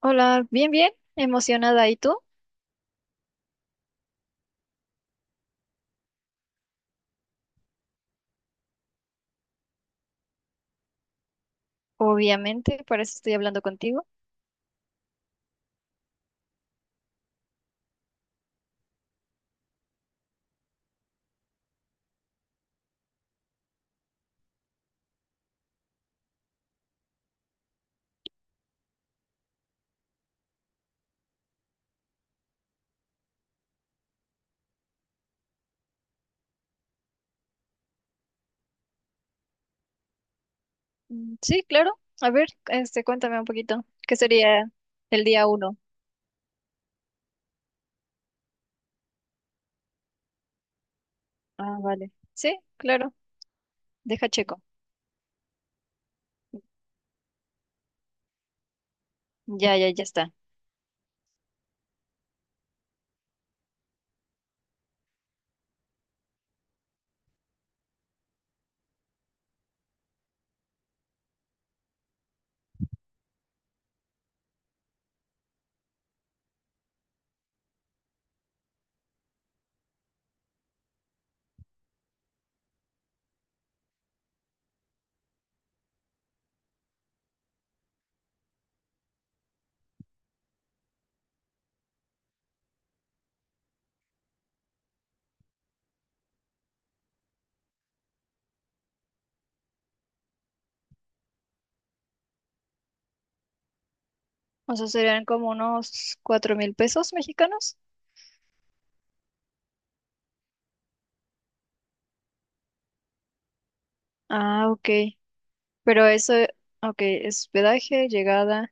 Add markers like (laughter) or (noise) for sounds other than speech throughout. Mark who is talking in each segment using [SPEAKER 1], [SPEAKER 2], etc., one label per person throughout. [SPEAKER 1] Hola, bien, bien, emocionada. ¿Y tú? Obviamente, para eso estoy hablando contigo. Mm, sí, claro. A ver, este, cuéntame un poquito. ¿Qué sería el día uno? Ah, vale. Sí, claro. Deja checo. Ya, ya, ya está. O sea, serían como unos 4,000 pesos mexicanos. Ah, ok. Pero eso, ok, es hospedaje, llegada.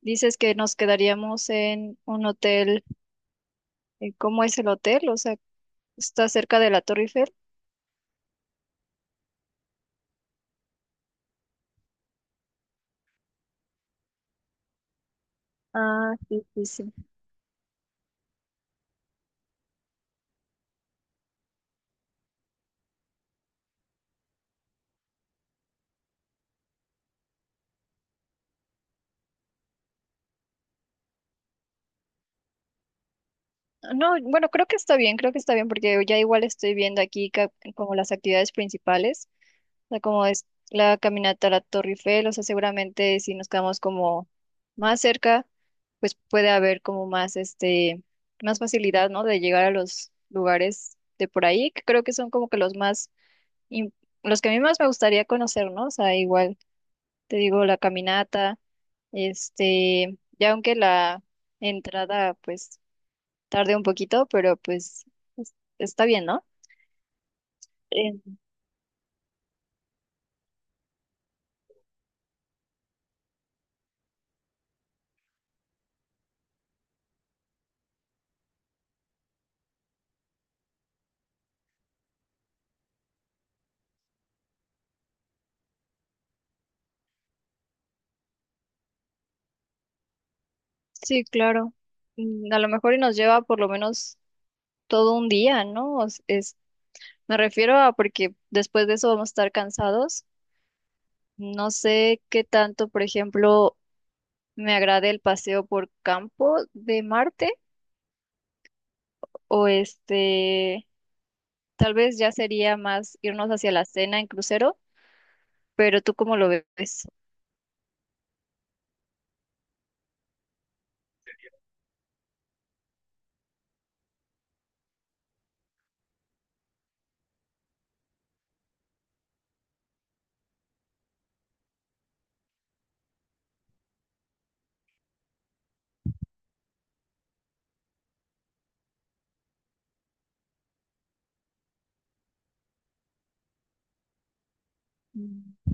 [SPEAKER 1] Dices que nos quedaríamos en un hotel. ¿Cómo es el hotel? O sea, ¿está cerca de la Torre Eiffel? Ah, sí, sí, sí. No, bueno, creo que está bien, creo que está bien, porque ya igual estoy viendo aquí como las actividades principales, o sea, como es la caminata a la Torre Eiffel, o sea, seguramente si nos quedamos como más cerca, pues puede haber como más, este, más facilidad, ¿no? De llegar a los lugares de por ahí, que creo que son como que los más, im- los que a mí más me gustaría conocer, ¿no? O sea, igual te digo la caminata, este, ya aunque la entrada, pues tardé un poquito, pero pues está bien, ¿no? Eh, sí, claro. A lo mejor y nos lleva por lo menos todo un día, ¿no? Me refiero a porque después de eso vamos a estar cansados. No sé qué tanto, por ejemplo, me agrade el paseo por Campo de Marte o este, tal vez ya sería más irnos hacia la cena en crucero, pero ¿tú cómo lo ves? Mm,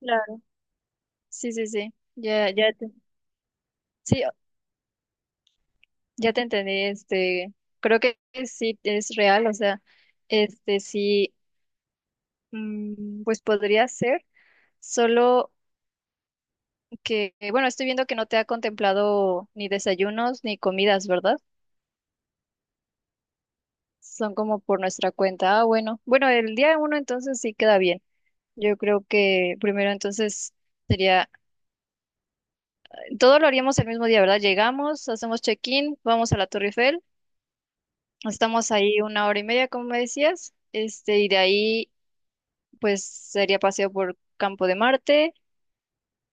[SPEAKER 1] claro. Sí, sí, sí. Ya, ya, sí, ya te entendí, este, creo que sí es real, o sea, este sí, pues podría ser, solo que, bueno, estoy viendo que no te ha contemplado ni desayunos ni comidas, ¿verdad? Son como por nuestra cuenta. Ah, bueno, bueno, el día uno entonces sí queda bien. Yo creo que primero entonces sería, todo lo haríamos el mismo día, ¿verdad? Llegamos, hacemos check-in, vamos a la Torre Eiffel, estamos ahí 1 hora y media, como me decías, este, y de ahí pues sería paseo por Campo de Marte,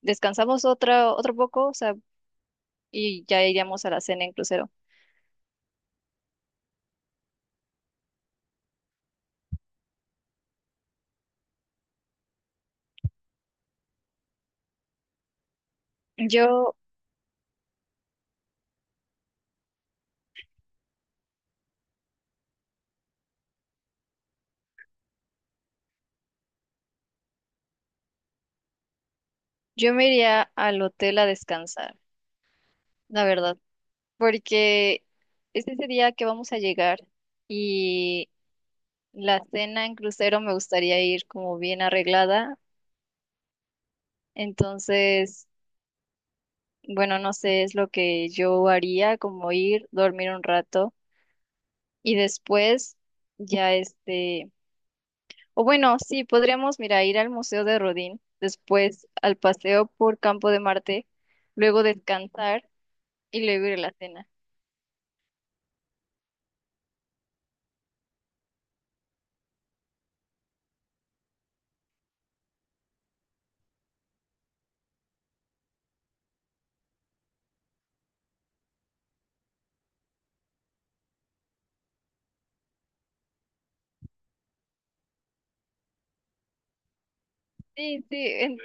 [SPEAKER 1] descansamos otra, otro poco, o sea, y ya iríamos a la cena en crucero. Yo, yo me iría al hotel a descansar, la verdad, porque es ese día que vamos a llegar y la cena en crucero me gustaría ir como bien arreglada, entonces, bueno, no sé, es lo que yo haría, como ir, dormir un rato y después ya este. O bueno, sí, podríamos, mira, ir al Museo de Rodin, después al paseo por Campo de Marte, luego descansar y luego ir a la cena. Sí, sí,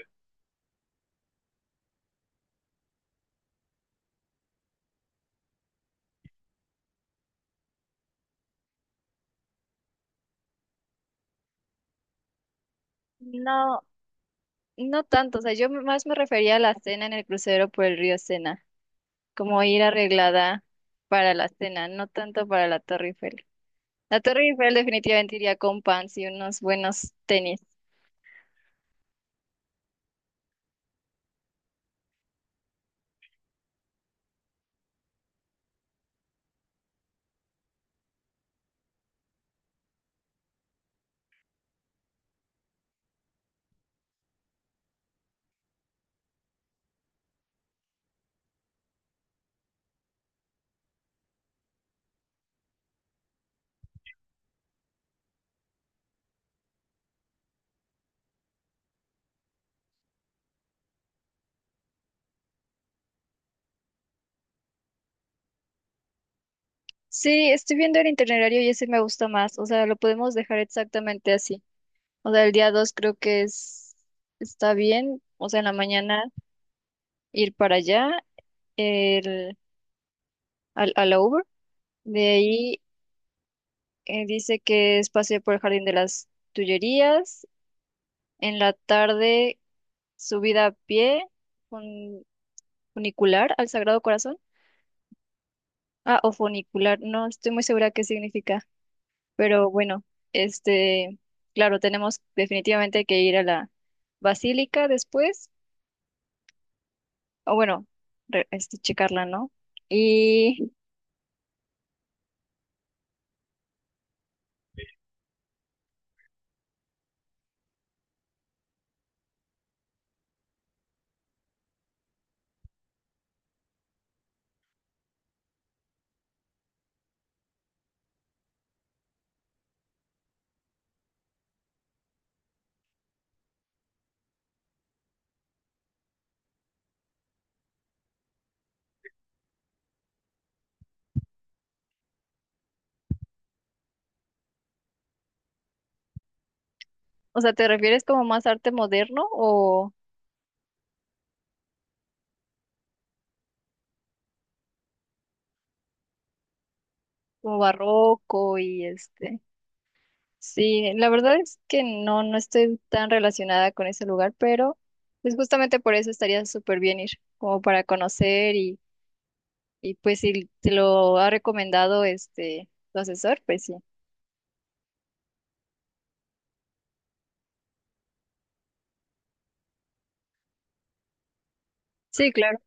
[SPEAKER 1] no, no tanto, o sea, yo más me refería a la cena en el crucero por el río Sena, como ir arreglada para la cena, no tanto para la Torre Eiffel. La Torre Eiffel definitivamente iría con pants y unos buenos tenis. Sí, estoy viendo el itinerario y ese me gusta más, o sea, lo podemos dejar exactamente así. O sea, el día 2 creo que es, está bien. O sea, en la mañana ir para allá, el, al Over. De ahí dice que es paseo por el Jardín de las Tullerías. En la tarde, subida a pie, fun- funicular al Sagrado Corazón. Ah, o funicular, no estoy muy segura qué significa. Pero bueno, este, claro, tenemos definitivamente que ir a la basílica después, o bueno, este, checarla, ¿no? Y, o sea, ¿te refieres como más arte moderno o como barroco y este? Sí, la verdad es que no, no estoy tan relacionada con ese lugar, pero pues justamente por eso estaría súper bien ir, como para conocer y pues si te lo ha recomendado este tu asesor, pues sí. Sí, claro.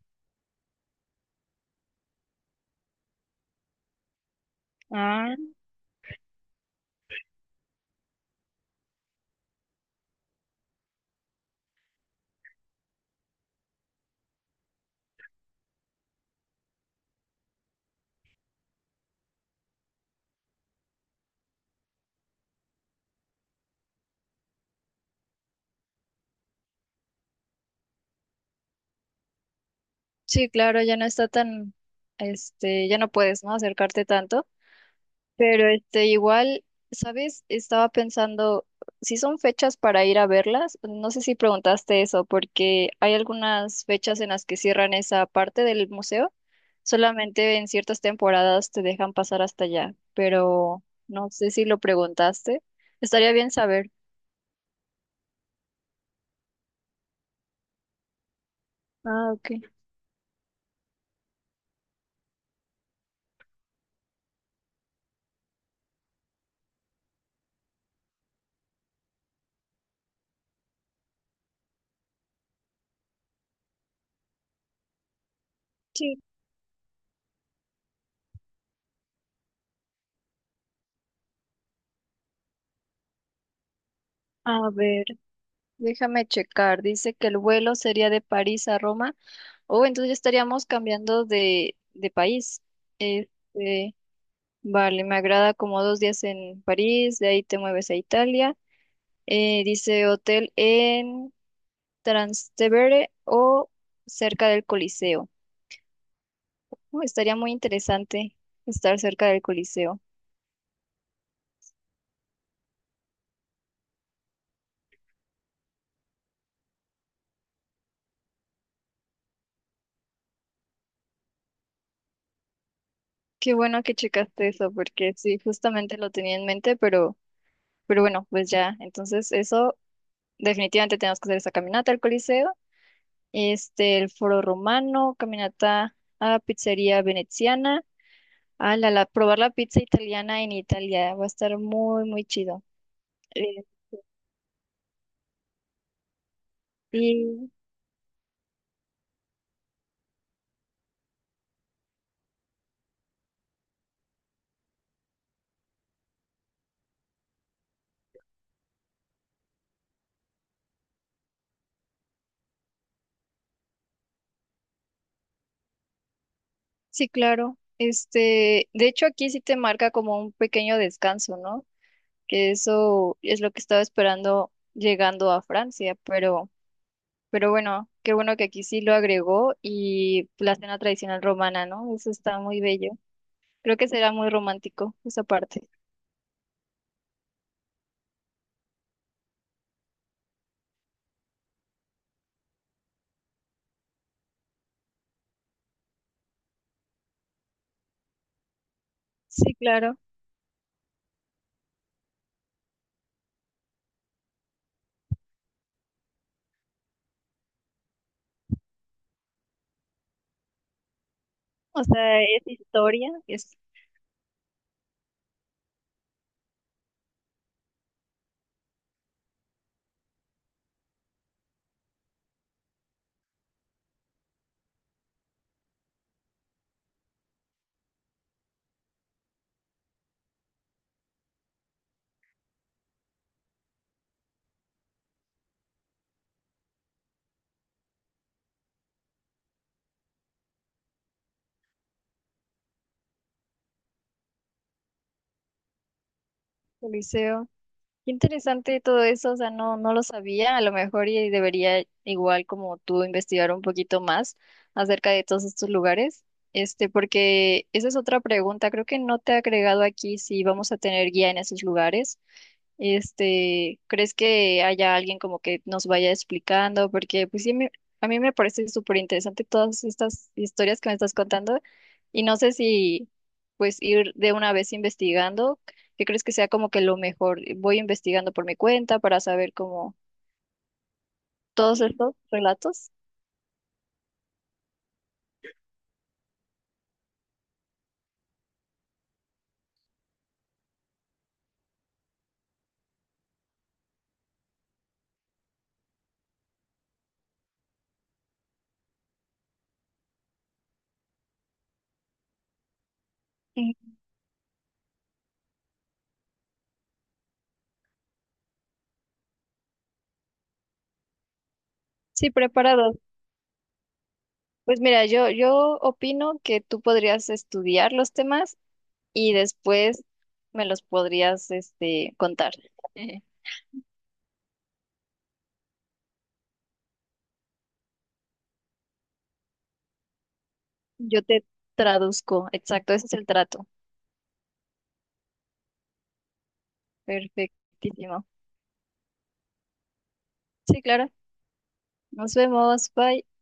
[SPEAKER 1] Ah, sí, claro, ya no está tan, este, ya no puedes, ¿no? Acercarte tanto. Pero este, igual, ¿sabes? Estaba pensando si son fechas para ir a verlas. No sé si preguntaste eso, porque hay algunas fechas en las que cierran esa parte del museo. Solamente en ciertas temporadas te dejan pasar hasta allá, pero no sé si lo preguntaste. Estaría bien saber. Ah, ok. Sí. A ver, déjame checar. Dice que el vuelo sería de París a Roma. Oh, entonces ya estaríamos cambiando de país. Este. Vale, me agrada como 2 días en París, de ahí te mueves a Italia. Dice hotel en Trastevere o cerca del Coliseo. Oh, estaría muy interesante estar cerca del Coliseo. Qué bueno que checaste eso, porque sí, justamente lo tenía en mente, pero bueno, pues ya. Entonces, eso, definitivamente tenemos que hacer esa caminata al Coliseo. Este, el Foro Romano, caminata a Pizzería Veneziana. Ah, probar la pizza italiana en Italia va a estar muy, muy chido. Eh, y sí, claro. Este, de hecho, aquí sí te marca como un pequeño descanso, ¿no? Que eso es lo que estaba esperando llegando a Francia, pero bueno, qué bueno que aquí sí lo agregó y la cena tradicional romana, ¿no? Eso está muy bello. Creo que será muy romántico esa parte. Sí, claro. O sea, es historia, es Coliseo. Qué interesante todo eso, o sea, no, no lo sabía, a lo mejor y debería igual como tú investigar un poquito más acerca de todos estos lugares, este, porque esa es otra pregunta, creo que no te he agregado aquí si vamos a tener guía en esos lugares. Este, ¿crees que haya alguien como que nos vaya explicando? Porque pues sí, a mí me parece súper interesante todas estas historias que me estás contando y no sé si pues ir de una vez investigando, ¿qué crees que sea como que lo mejor? Voy investigando por mi cuenta para saber como todos estos relatos. Ujú. Sí, preparado. Pues mira, yo opino que tú podrías estudiar los temas y después me los podrías, este, contar. (laughs) Yo te traduzco, exacto, ese es el trato. Perfectísimo. Sí, claro. Nos vemos. Bye.